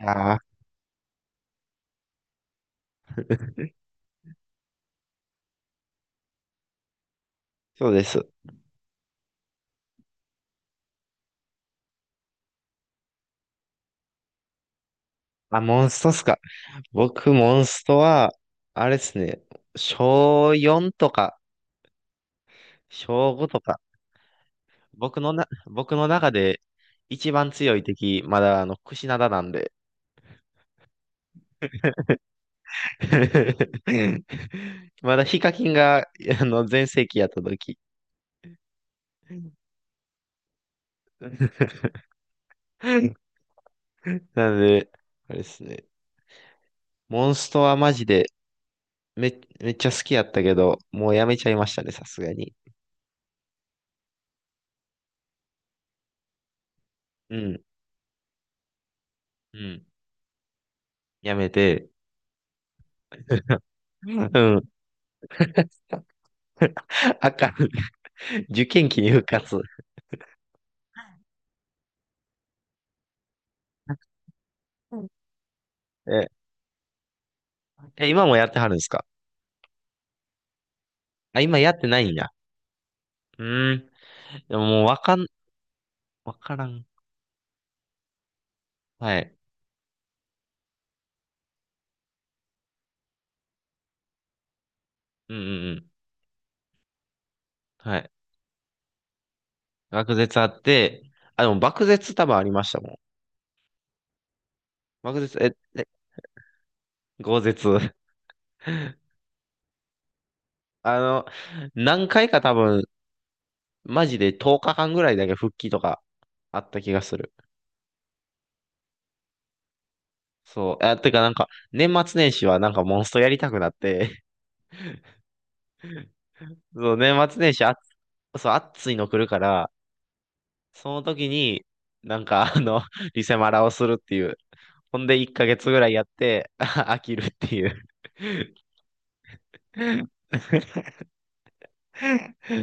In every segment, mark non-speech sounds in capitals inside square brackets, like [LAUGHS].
ああ、そうです。あ、モンストっすか。僕、モンストは、あれですね、小4とか、小5とか、僕の中で一番強い敵、まだ、クシナダなんで。[LAUGHS] まだヒカキンが、全盛期やった時。[LAUGHS] なので、あれですね、モンストはマジで、めっちゃ好きやったけど、もうやめちゃいましたね、さすがに。うん、うん、やめて。うん。[LAUGHS] あかん。受験期に復活。え、今もやってはるんですか？あ、今やってないんや。うーん。でももうわかん、わからん。はい。うんうんうん。はい。学舌あって、あ、でも漠舌多分ありましたもん。漠舌、え、え、豪舌。[LAUGHS] あの、何回か多分、マジで10日間ぐらいだけ復帰とかあった気がする。そう。あ、てかなんか、年末年始はなんかモンストやりたくなって、そう、年末年始あ、そう、暑いの来るから、その時に、なんか、あの、[LAUGHS] リセマラをするっていう。ほんで、1ヶ月ぐらいやって、[LAUGHS] 飽きるっていう。[LAUGHS]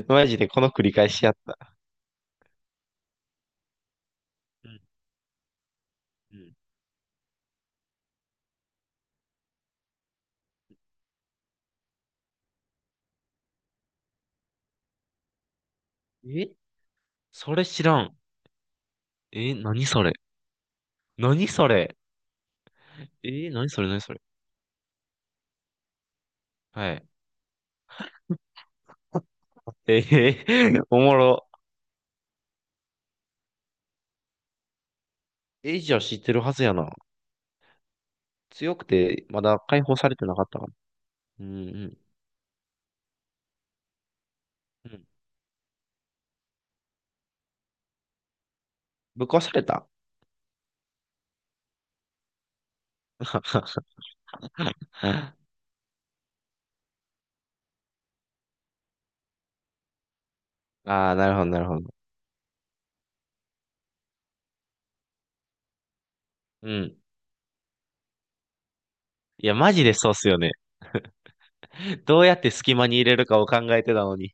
マジでこの繰り返しやった。うんうん、え、それ知らん。え、何それ何それ？何それ？はい。えー [LAUGHS] おもろ。え、じゃあ知ってるはずやな。強くて、まだ解放されてなかったかも。うんうん。うん、ぶっ壊された？ [LAUGHS] ああ、なるほど、なるほど。うん。いや、マジでそうっすよね。[LAUGHS] どうやって隙間に入れるかを考えてたのに。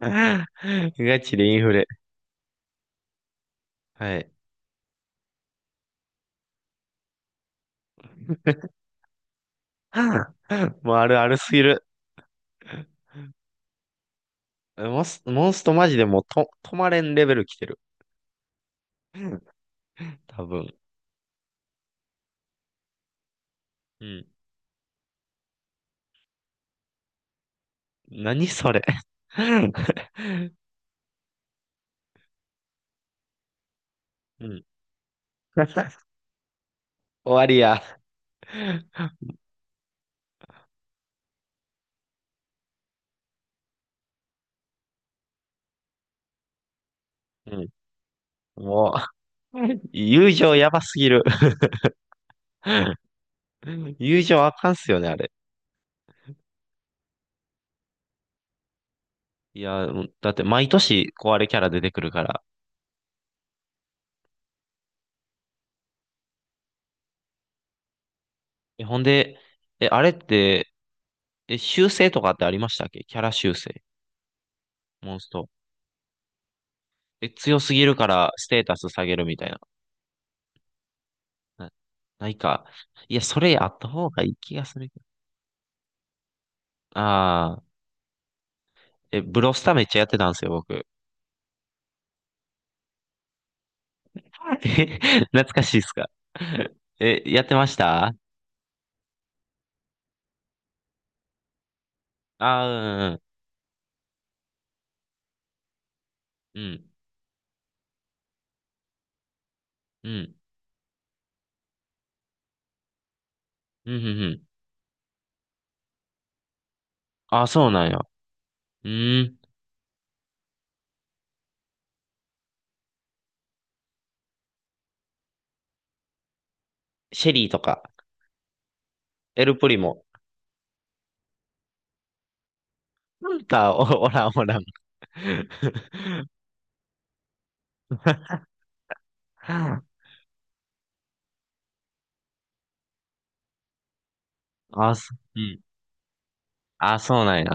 [LAUGHS] ガチでインフレ。はい。[LAUGHS] もうあるあるすぎる。[LAUGHS] モンストマジでもうと、止まれんレベル来てる。多分。うん。何それ。[LAUGHS] うん。[LAUGHS] 終わりや。うん。もう、[LAUGHS] 友情やばすぎる。[LAUGHS] 友情あかんっすよね、あれ。いや、だって毎年壊れキャラ出てくるから。え、ほんで、え、あれって、え、修正とかってありましたっけ？キャラ修正。モンスト。え、強すぎるからステータス下げるみたいな。な、ないか。いや、それやった方がいい気がするけど。ああ、え、ブロスタめっちゃやってたんですよ、僕。[LAUGHS] え、懐かしいっすか？[LAUGHS] え、やってましたああー、うん、うん、うん、うん、うんうん。ああ、そうなんや。うん。シェリーとか、エルプリも。おらん、おらん。[LAUGHS] ああ、そうん。あ、そうなんや。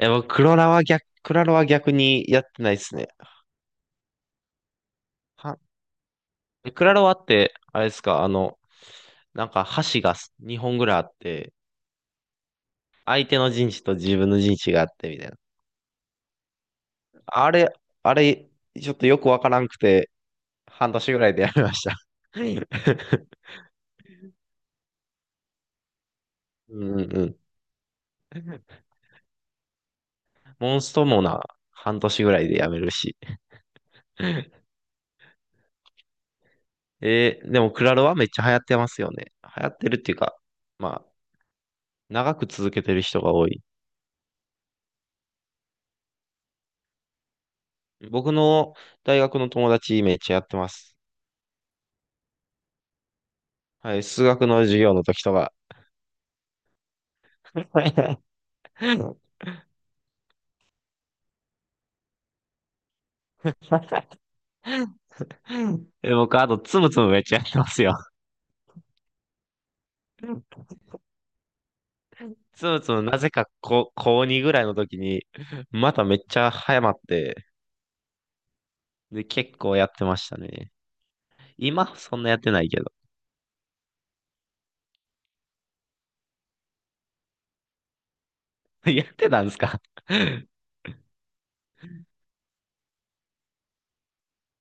え、僕、クロラは逆、クラロは逆にやってないですね。は、えクラロワって、あれですか、なんか箸が2本ぐらいあって、相手の陣地と自分の陣地があってみたいな。あれ、あれ、ちょっとよくわからんくて、半年ぐらいでやめました。[LAUGHS] うんうんうん。モンストもな、半年ぐらいでやめるし。えー、でもクラロワめっちゃ流行ってますよね。流行ってるっていうか、まあ、長く続けてる人が多い。僕の大学の友達めっちゃやってます。はい、数学の授業の時とか。[LAUGHS] え、僕、あと、つむつむめっちゃやってますよ。つむつむ、なぜか高、高2ぐらいの時に、まためっちゃ早まって、で、結構やってましたね。今、そんなやってないけど。[LAUGHS] やってたんですか？ [LAUGHS]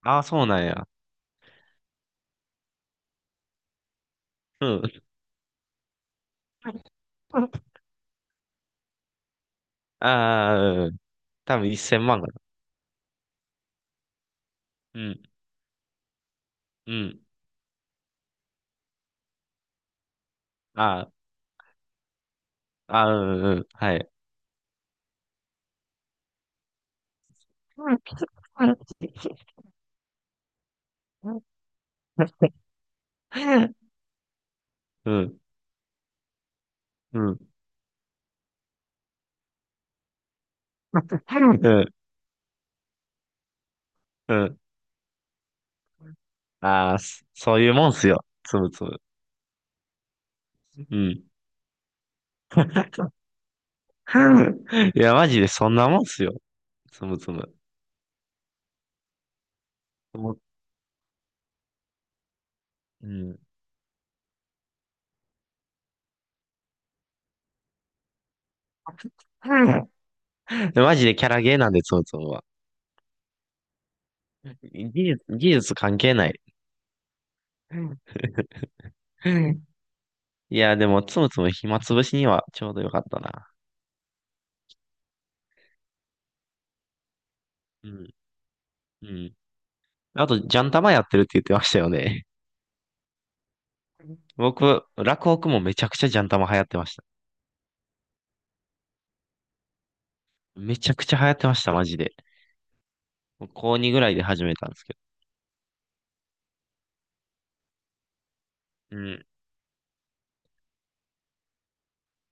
ああ、そうなんや。うん。ああ、うん。多分1000万かな。うん、うん。ああ、ああ、うん、うん。はい。[LAUGHS] うん、うん。[LAUGHS] うん、うん。ああ、そ、そういうもんっすよ。つむつむ。うん。[LAUGHS] いや、マジでそんなもんっすよ。つむつむ。もう、うん。でマジでキャラゲーなんで、つむつむは。技術関係ない。うん、いや、でも、つむつむ暇つぶしにはちょうどよかったな。うん、うん。あと、ジャンタマやってるって言ってましたよね。僕、落北もめちゃくちゃジャンタマ流行ってました。めちゃくちゃ流行ってました、マジで。高2ぐらいで始めたんですけど。うん。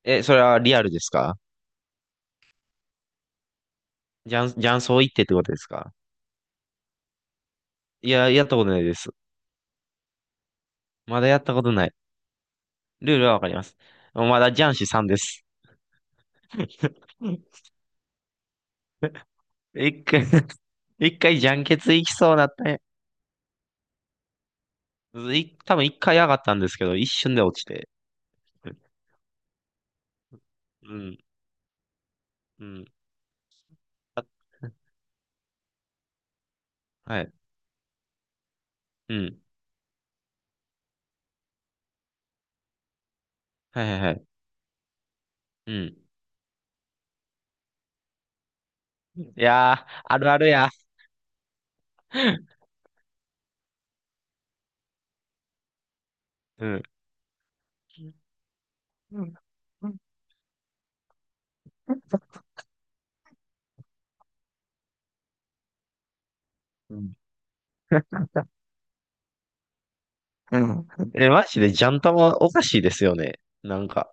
え、それはリアルですか？ジャンソー行ってってことですか？いや、やったことないです。まだやったことない。ルールはわかります。まだジャンシさんです。[LAUGHS] 一回 [LAUGHS] 一回ジャンケツ行きそうなったね。い、多分一回上がったんですけど、一瞬で落ちて。うん、うん、はい、うん、はいはいはい。うん。いやー、あるあるや。うん。うん。え、マジでジャンタマおかしいですよね。なんか、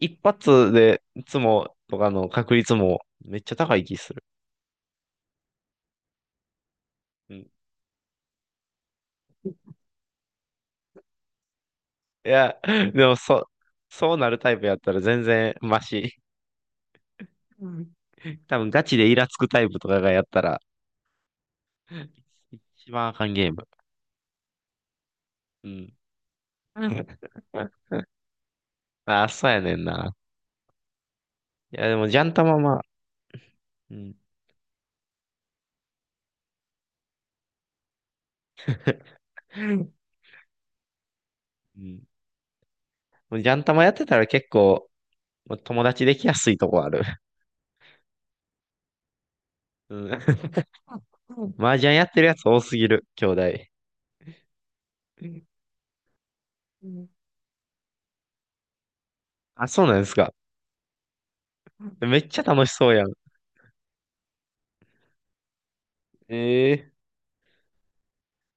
一発でいつもとかの確率もめっちゃ高い気する。うん。いや、でもそうなるタイプやったら全然マシ。うん、多分ガチでイラつくタイプとかがやったら、一番あかんゲーム。うん。うん [LAUGHS] ああ、そうやねんな。いや、でもジャンタマまあ、うん。うん。もうジャンタマやってたら結構、もう友達できやすいとこある。うん。うん、麻雀やってるやつ多すぎる、兄弟。うん、あ、そうなんですか。めっちゃ楽しそうやん。ええ、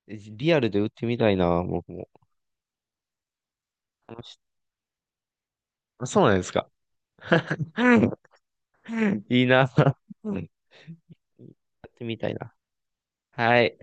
リアルで打ってみたいな、僕も。楽し、あ、そうなんですか。うん、いいな。うん [LAUGHS] やってみたいな。はい。